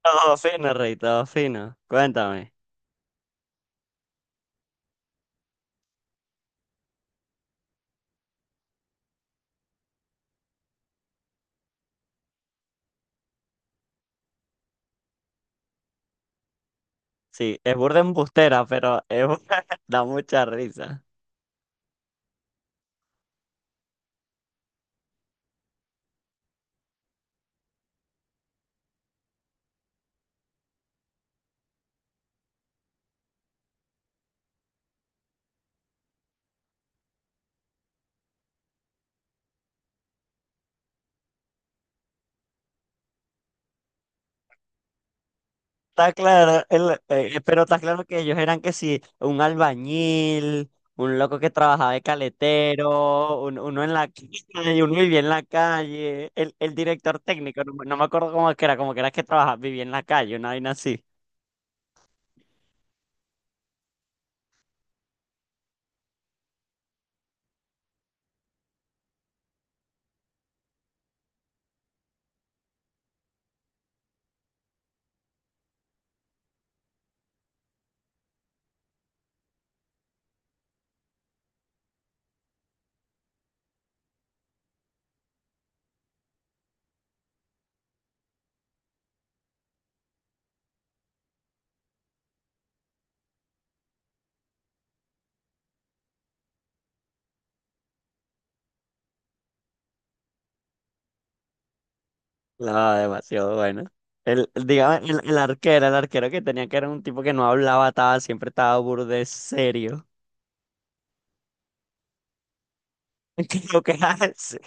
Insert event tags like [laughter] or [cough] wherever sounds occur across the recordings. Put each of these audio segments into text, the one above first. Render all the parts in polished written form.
Todo fino, Rey, todo fino. Cuéntame. Sí, es burda embustera, pero [laughs] da mucha risa. Está claro, pero está claro que ellos eran que sí, un albañil, un loco que trabajaba de caletero, uno en la calle, uno vivía en la calle, el director técnico, no, me acuerdo cómo es que era, como que era que trabajaba, vivía en la calle, una vaina así. No, demasiado bueno. El, digamos, el arquero que tenía que era un tipo que no hablaba, estaba, siempre estaba burde serio. [laughs] Que lo que hace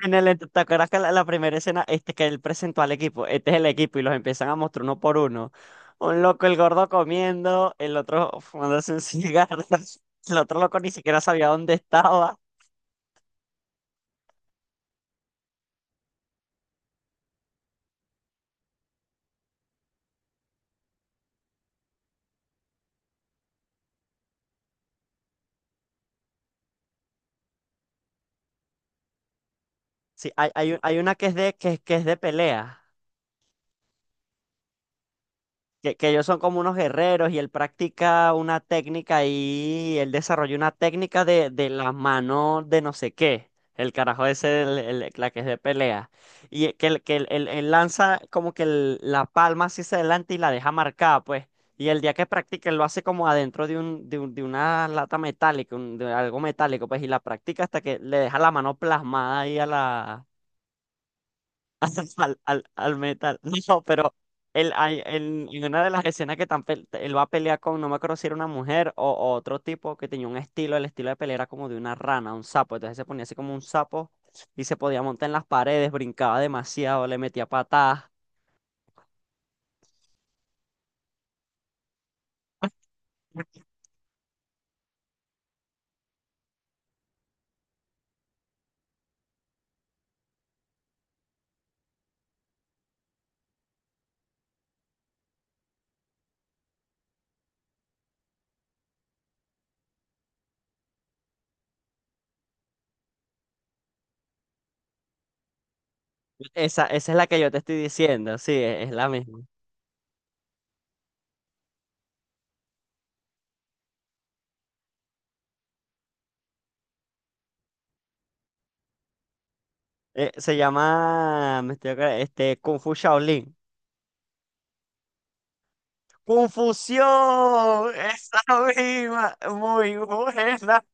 en el, ¿te acuerdas que la primera escena este que él presentó al equipo? Este es el equipo y los empiezan a mostrar uno por uno. Un loco, el gordo comiendo, el otro [laughs] fumándose un cigarro, [laughs] el otro loco ni siquiera sabía dónde estaba. Sí, hay una que es de, que es de pelea. Que ellos son como unos guerreros y él practica una técnica y él desarrolló una técnica de la mano de no sé qué. El carajo ese, la que es de pelea. Y que, él lanza como que la palma así hacia adelante y la deja marcada, pues. Y el día que practica, él lo hace como adentro de una lata metálica, de algo metálico, pues, y la practica hasta que le deja la mano plasmada ahí [laughs] al metal. [laughs] No, pero él, en una de las escenas que él va a pelear con, no me acuerdo si era una mujer o otro tipo que tenía un estilo, el estilo de pelea era como de una rana, un sapo. Entonces se ponía así como un sapo y se podía montar en las paredes, brincaba demasiado, le metía patadas. Esa es la que yo te estoy diciendo, sí, es la misma. Se llama, me estoy acordando, este, Kung Fu Shaolin. ¡Confusión! [laughs] ¡Esa misma! Muy buena.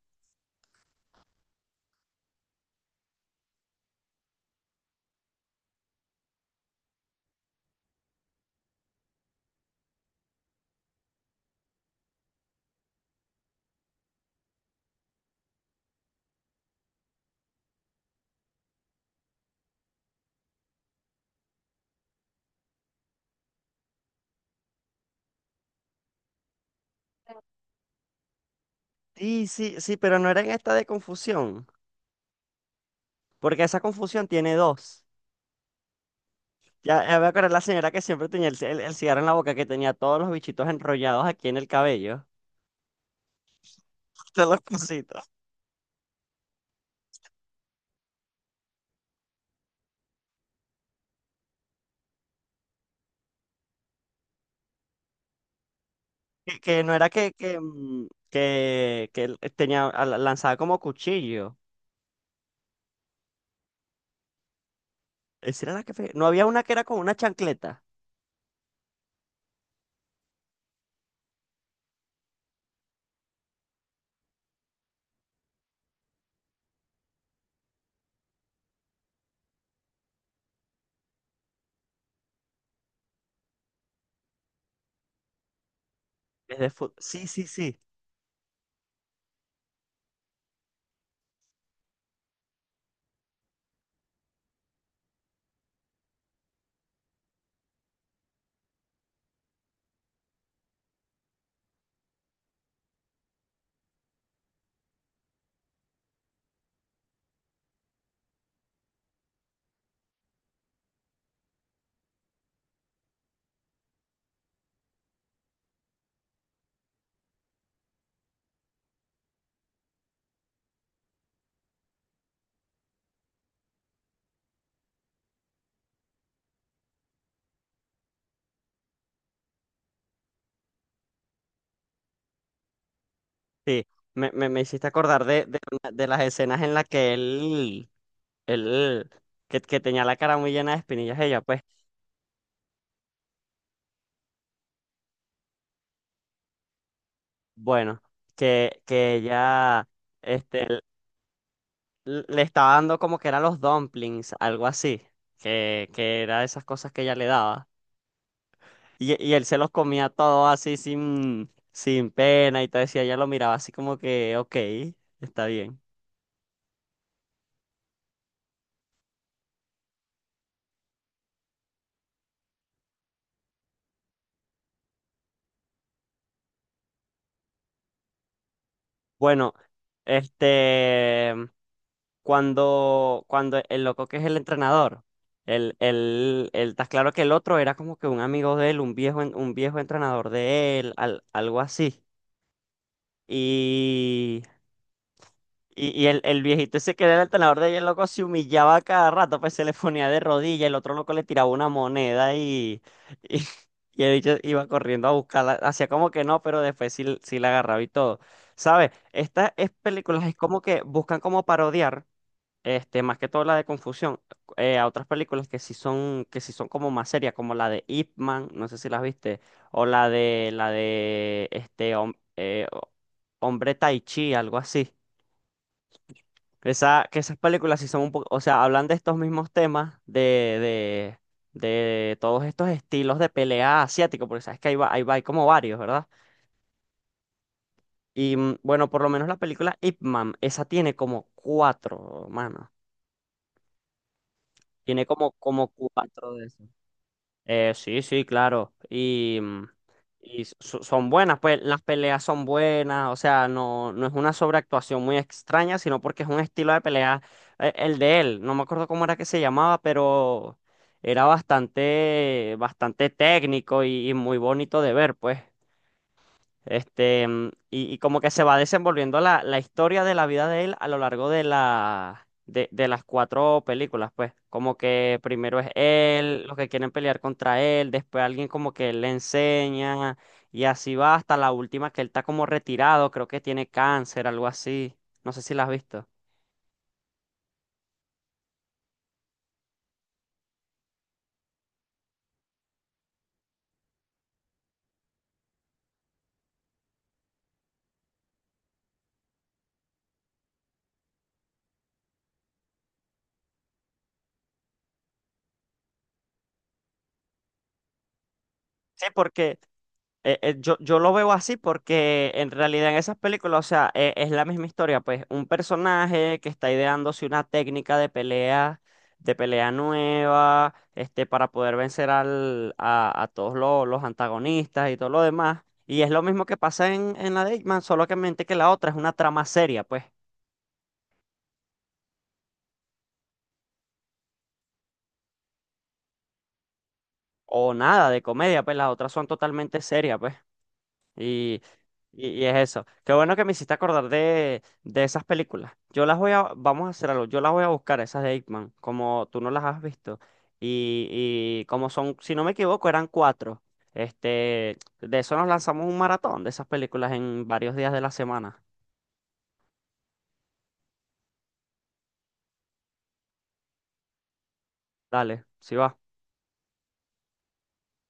Sí, sí, sí, pero no era en esta de confusión, porque esa confusión tiene 2. Ya, ya me acordé de la señora que siempre tenía el cigarro en la boca, que tenía todos los bichitos enrollados aquí en el cabello, [laughs] todos los cositos. Que no era que que él tenía, lanzaba como cuchillo. Esa era la que... No había una que era con una chancleta. Sí, sí, sí, sí. Me hiciste acordar de, de las escenas en las que él, él que tenía la cara muy llena de espinillas ella, pues. Bueno, que ella este, le estaba dando como que eran los dumplings, algo así, que era esas cosas que ella le daba. Y él se los comía todo así sin, sin pena y todo eso, y ella lo miraba así como que, ok, está bien. Bueno, este, cuando, cuando el loco que es el entrenador, el, está claro que el otro era como que un amigo de él, un viejo, un viejo entrenador de él, algo así. Y, y el viejito ese que era el entrenador de ella, el loco se humillaba cada rato, pues se le ponía de rodillas, el otro loco le tiraba una moneda y, [laughs] y, y el bicho iba corriendo a buscarla, hacía como que no, pero después sí, sí la agarraba y todo. ¿Sabes? Estas películas es como que buscan como parodiar. Este, más que todo la de confusión, a otras películas que sí son como más serias, como la de Ip Man, no sé si las viste, o la de Hombre Tai Chi, algo así. Esa, que esas películas sí son un poco, o sea, hablan de estos mismos temas, de todos estos estilos de pelea asiático, porque sabes que ahí va, hay como varios, ¿verdad? Y mm, bueno, por lo menos la película Ip Man, esa tiene como 4, mano. Tiene como, como 4 de esos. Sí, sí, claro. Y, mm, y son buenas, pues las peleas son buenas, o sea, no, no es una sobreactuación muy extraña, sino porque es un estilo de pelea, el de él, no me acuerdo cómo era que se llamaba, pero era bastante, bastante técnico y muy bonito de ver, pues. Este, mm, y como que se va desenvolviendo la historia de la vida de él a lo largo de de las 4 películas, pues. Como que primero es él, los que quieren pelear contra él, después alguien como que le enseña, y así va hasta la última que él está como retirado, creo que tiene cáncer, algo así. No sé si la has visto. Sí, porque yo lo veo así porque en realidad en esas películas, o sea, es la misma historia, pues un personaje que está ideándose una técnica de pelea nueva, este, para poder vencer a todos los antagonistas y todo lo demás. Y es lo mismo que pasa en la de Ip Man, solo que mente que la otra es una trama seria, pues, o nada de comedia, pues las otras son totalmente serias, pues. Y, y es eso. Qué bueno que me hiciste acordar de esas películas. Yo las voy a, vamos a hacer algo, yo las voy a buscar, esas de Hitman, como tú no las has visto. Y, y como son, si no me equivoco, eran 4. Este, de eso nos lanzamos un maratón de esas películas en varios días de la semana. Dale, si va.